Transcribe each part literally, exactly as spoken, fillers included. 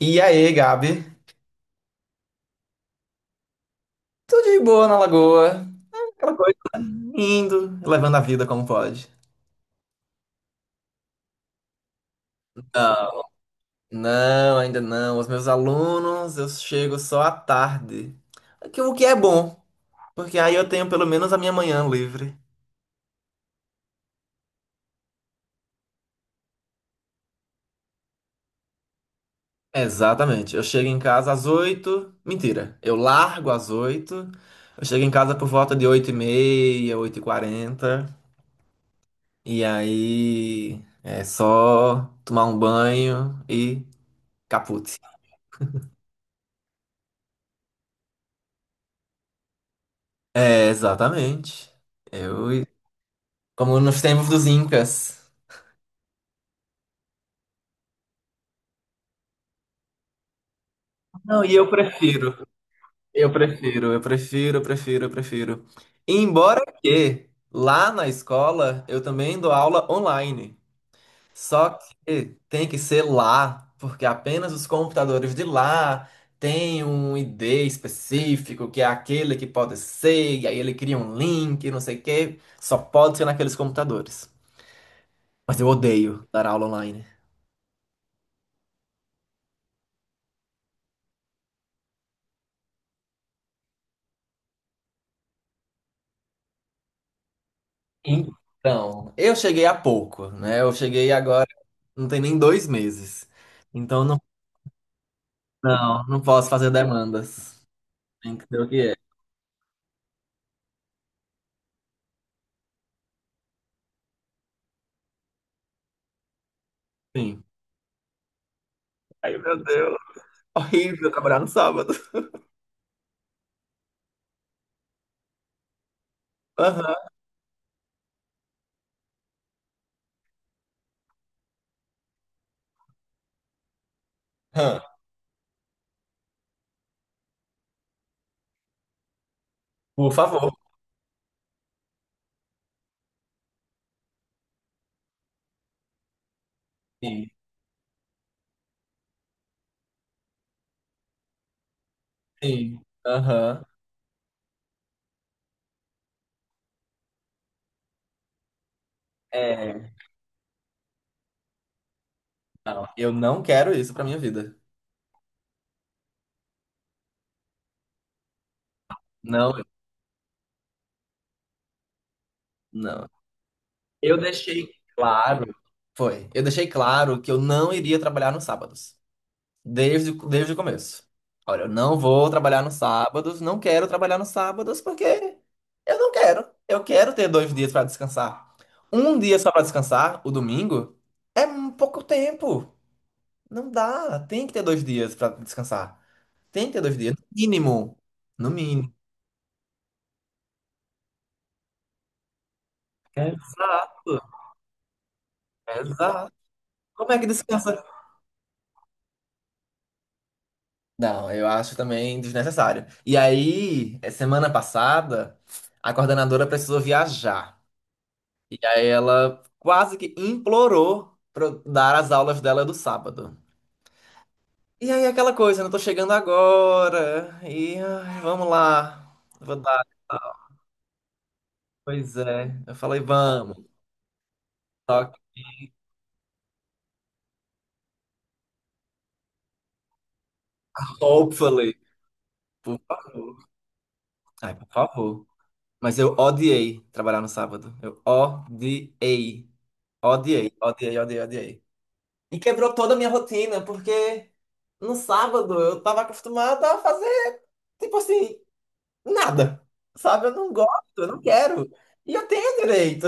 E aí, Gabi? Tudo de boa na lagoa? Aquela coisa indo, levando a vida como pode. Não, não, ainda não. Os meus alunos, eu chego só à tarde. O que o que é bom, porque aí eu tenho pelo menos a minha manhã livre. Exatamente. Eu chego em casa às oito. Mentira, eu largo às oito. Eu chego em casa por volta de oito e meia, oito e quarenta. E aí é só tomar um banho e caput. É, exatamente. Eu, como nos tempos dos Incas. Não, e eu prefiro, eu prefiro, eu prefiro, eu prefiro, eu prefiro. Embora que lá na escola eu também dou aula online. Só que tem que ser lá, porque apenas os computadores de lá têm um I D específico, que é aquele que pode ser, e aí ele cria um link, não sei o quê. Só pode ser naqueles computadores. Mas eu odeio dar aula online. Então, eu cheguei há pouco, né? Eu cheguei agora, não tem nem dois meses. Então, não, não, não posso fazer demandas. Tem que ser o que é. Sim. Ai, meu Deus. Horrível trabalhar no sábado. Aham. Aham. Por favor. Sim, sim. Aham. É. Não, eu não quero isso pra minha vida. Não, não. Eu deixei claro. Foi. Eu deixei claro que eu não iria trabalhar nos sábados. Desde, desde o começo. Olha, eu não vou trabalhar nos sábados, não quero trabalhar nos sábados porque eu não quero. Eu quero ter dois dias para descansar. Um dia só para descansar, o domingo, é um pouco tempo. Não dá. Tem que ter dois dias para descansar. Tem que ter dois dias, no mínimo. No mínimo. Exato, exato. Como é que descansa? Não, eu acho também desnecessário. E aí, eh, semana passada, a coordenadora precisou viajar. E aí ela quase que implorou pra eu dar as aulas dela do sábado. E aí aquela coisa, não tô chegando agora. E ai, vamos lá. Vou dar. Pois é. Eu falei, vamos. Só que, hopefully, por favor. Ai, por favor. Mas eu odiei trabalhar no sábado. Eu odiei. Odiei, odiei, odiei, odiei. E quebrou toda a minha rotina, porque no sábado eu tava acostumada a fazer, tipo assim. Nada. Sabe? Eu não gosto, eu não quero. E eu tenho direito.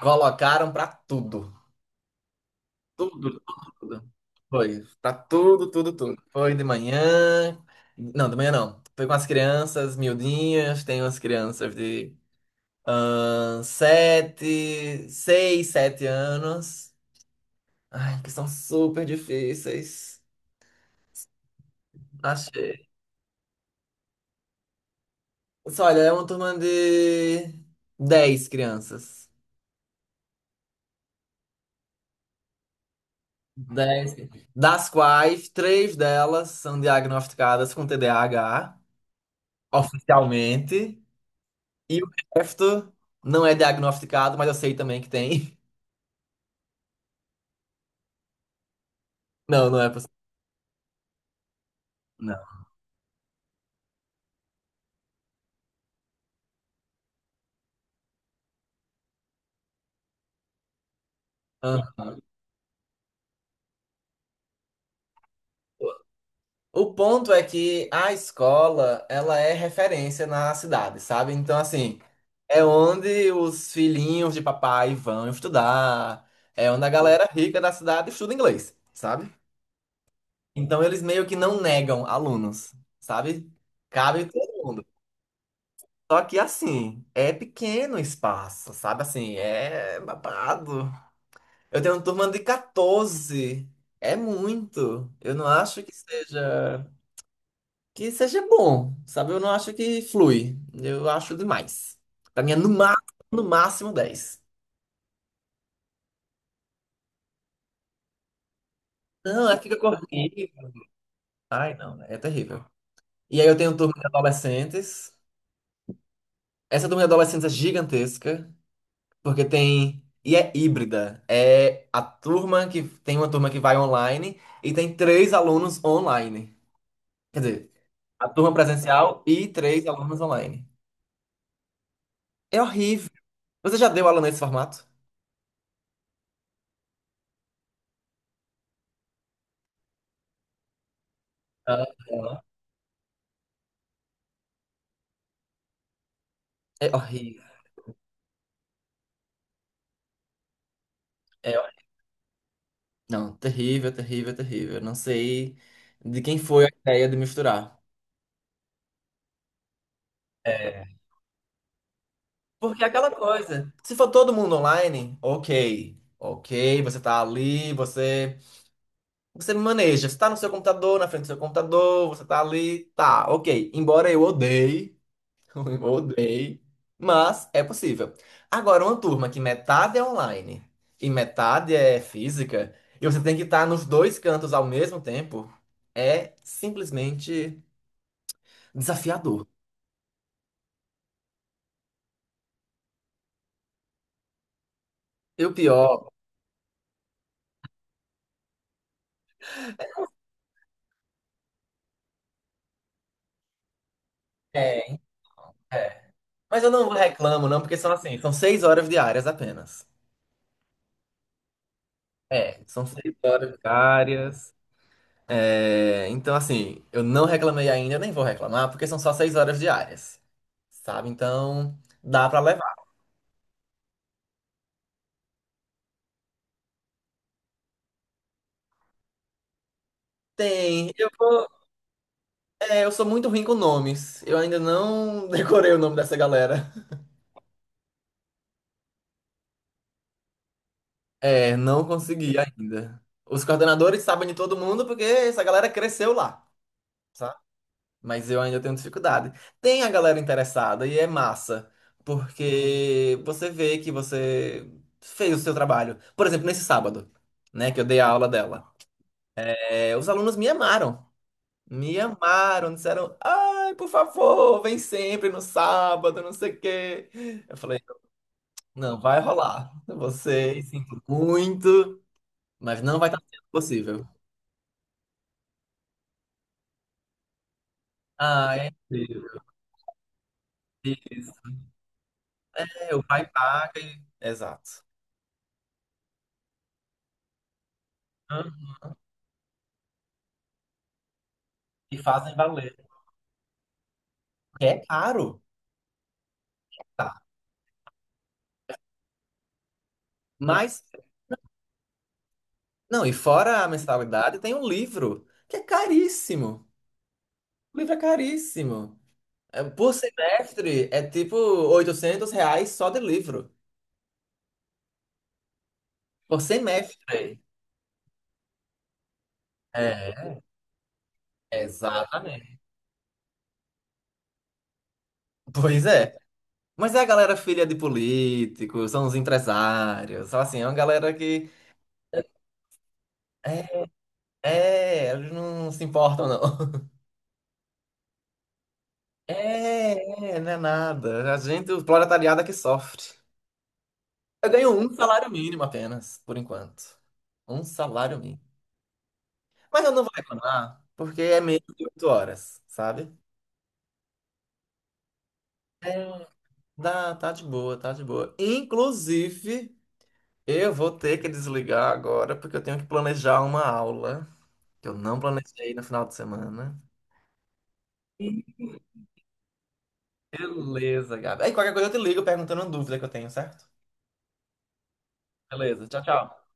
Colocaram pra tudo. Tudo, tudo, tudo. Foi. Pra tudo, tudo, tudo. Foi de manhã. Não, de manhã não. Foi com as crianças miudinhas. Tem umas crianças de ahn, sete, seis, sete anos. Ai, que são super difíceis. Achei. Só, olha, é uma turma de dez crianças. Dez, das quais três delas são diagnosticadas com T D A H oficialmente, e o resto não é diagnosticado, mas eu sei também que tem. Não, não é possível. Não. Aham. O ponto é que a escola, ela é referência na cidade, sabe? Então, assim, é onde os filhinhos de papai vão estudar, é onde a galera rica da cidade estuda inglês, sabe? Então eles meio que não negam alunos, sabe? Cabe todo mundo. Só que assim, é pequeno o espaço, sabe? Assim, é babado. Eu tenho uma turma de quatorze. É muito. Eu não acho que seja que seja bom, sabe? Eu não acho que flui. Eu acho demais. Pra mim é no máximo, no máximo, dez. Não, aí fica corrido. Ai, não, né? É terrível. E aí eu tenho turma de adolescentes. Essa turma de adolescentes é gigantesca. Porque tem. E é híbrida. É a turma que. Tem uma turma que vai online e tem três alunos online. Quer dizer, a turma presencial e três alunos online. É horrível. Você já deu aula nesse formato? Ah, É É horrível. É horrível. Não, terrível, terrível, terrível. Não sei de quem foi a ideia de misturar. É. Porque é aquela coisa. Se for todo mundo online, ok. Ok, você tá ali, você. Você maneja, você tá no seu computador, na frente do seu computador, você tá ali, tá, ok. Embora eu odeie, eu odeie, mas é possível. Agora, uma turma que metade é online e metade é física, e você tem que estar nos dois cantos ao mesmo tempo, é simplesmente desafiador. E o pior é, é. Mas eu não reclamo, não, porque são assim, são seis horas diárias apenas. É, são seis horas diárias. É, então, assim, eu não reclamei ainda, nem vou reclamar, porque são só seis horas diárias, sabe? Então, dá pra levar. Tem, eu vou. É, eu sou muito ruim com nomes. Eu ainda não decorei o nome dessa galera. É, não consegui ainda. Os coordenadores sabem de todo mundo porque essa galera cresceu lá, sabe? Mas eu ainda tenho dificuldade. Tem a galera interessada e é massa, porque você vê que você fez o seu trabalho. Por exemplo, nesse sábado, né, que eu dei a aula dela. É, os alunos me amaram. Me amaram, disseram, ai, por favor, vem sempre no sábado, não sei o quê. Eu falei, não, vai rolar. Você, sinto muito, mas não vai estar sendo possível. Ah, é incrível. Isso. É, o pai paga e... Exato. Hã? E fazem valer. É caro, tá? Mas, não, e fora a mensalidade, tem um livro, que é caríssimo. O livro é caríssimo. É, por semestre é tipo oitocentos reais só de livro. Por semestre. É, exatamente. Pois é. Mas é a galera filha de políticos, são os empresários, são assim, é uma galera que. É, é, eles não se importam, não. É, é, não é nada. A gente, o proletariado é que sofre. Eu ganho um salário mínimo apenas, por enquanto. Um salário mínimo. Mas eu não vou reclamar, porque é menos de oito horas, sabe? É, dá, tá de boa, tá de boa. Inclusive, eu vou ter que desligar agora porque eu tenho que planejar uma aula que eu não planejei no final de semana. Beleza, Gabi. Aí qualquer coisa eu te ligo perguntando uma dúvida que eu tenho, certo? Beleza, tchau, tchau.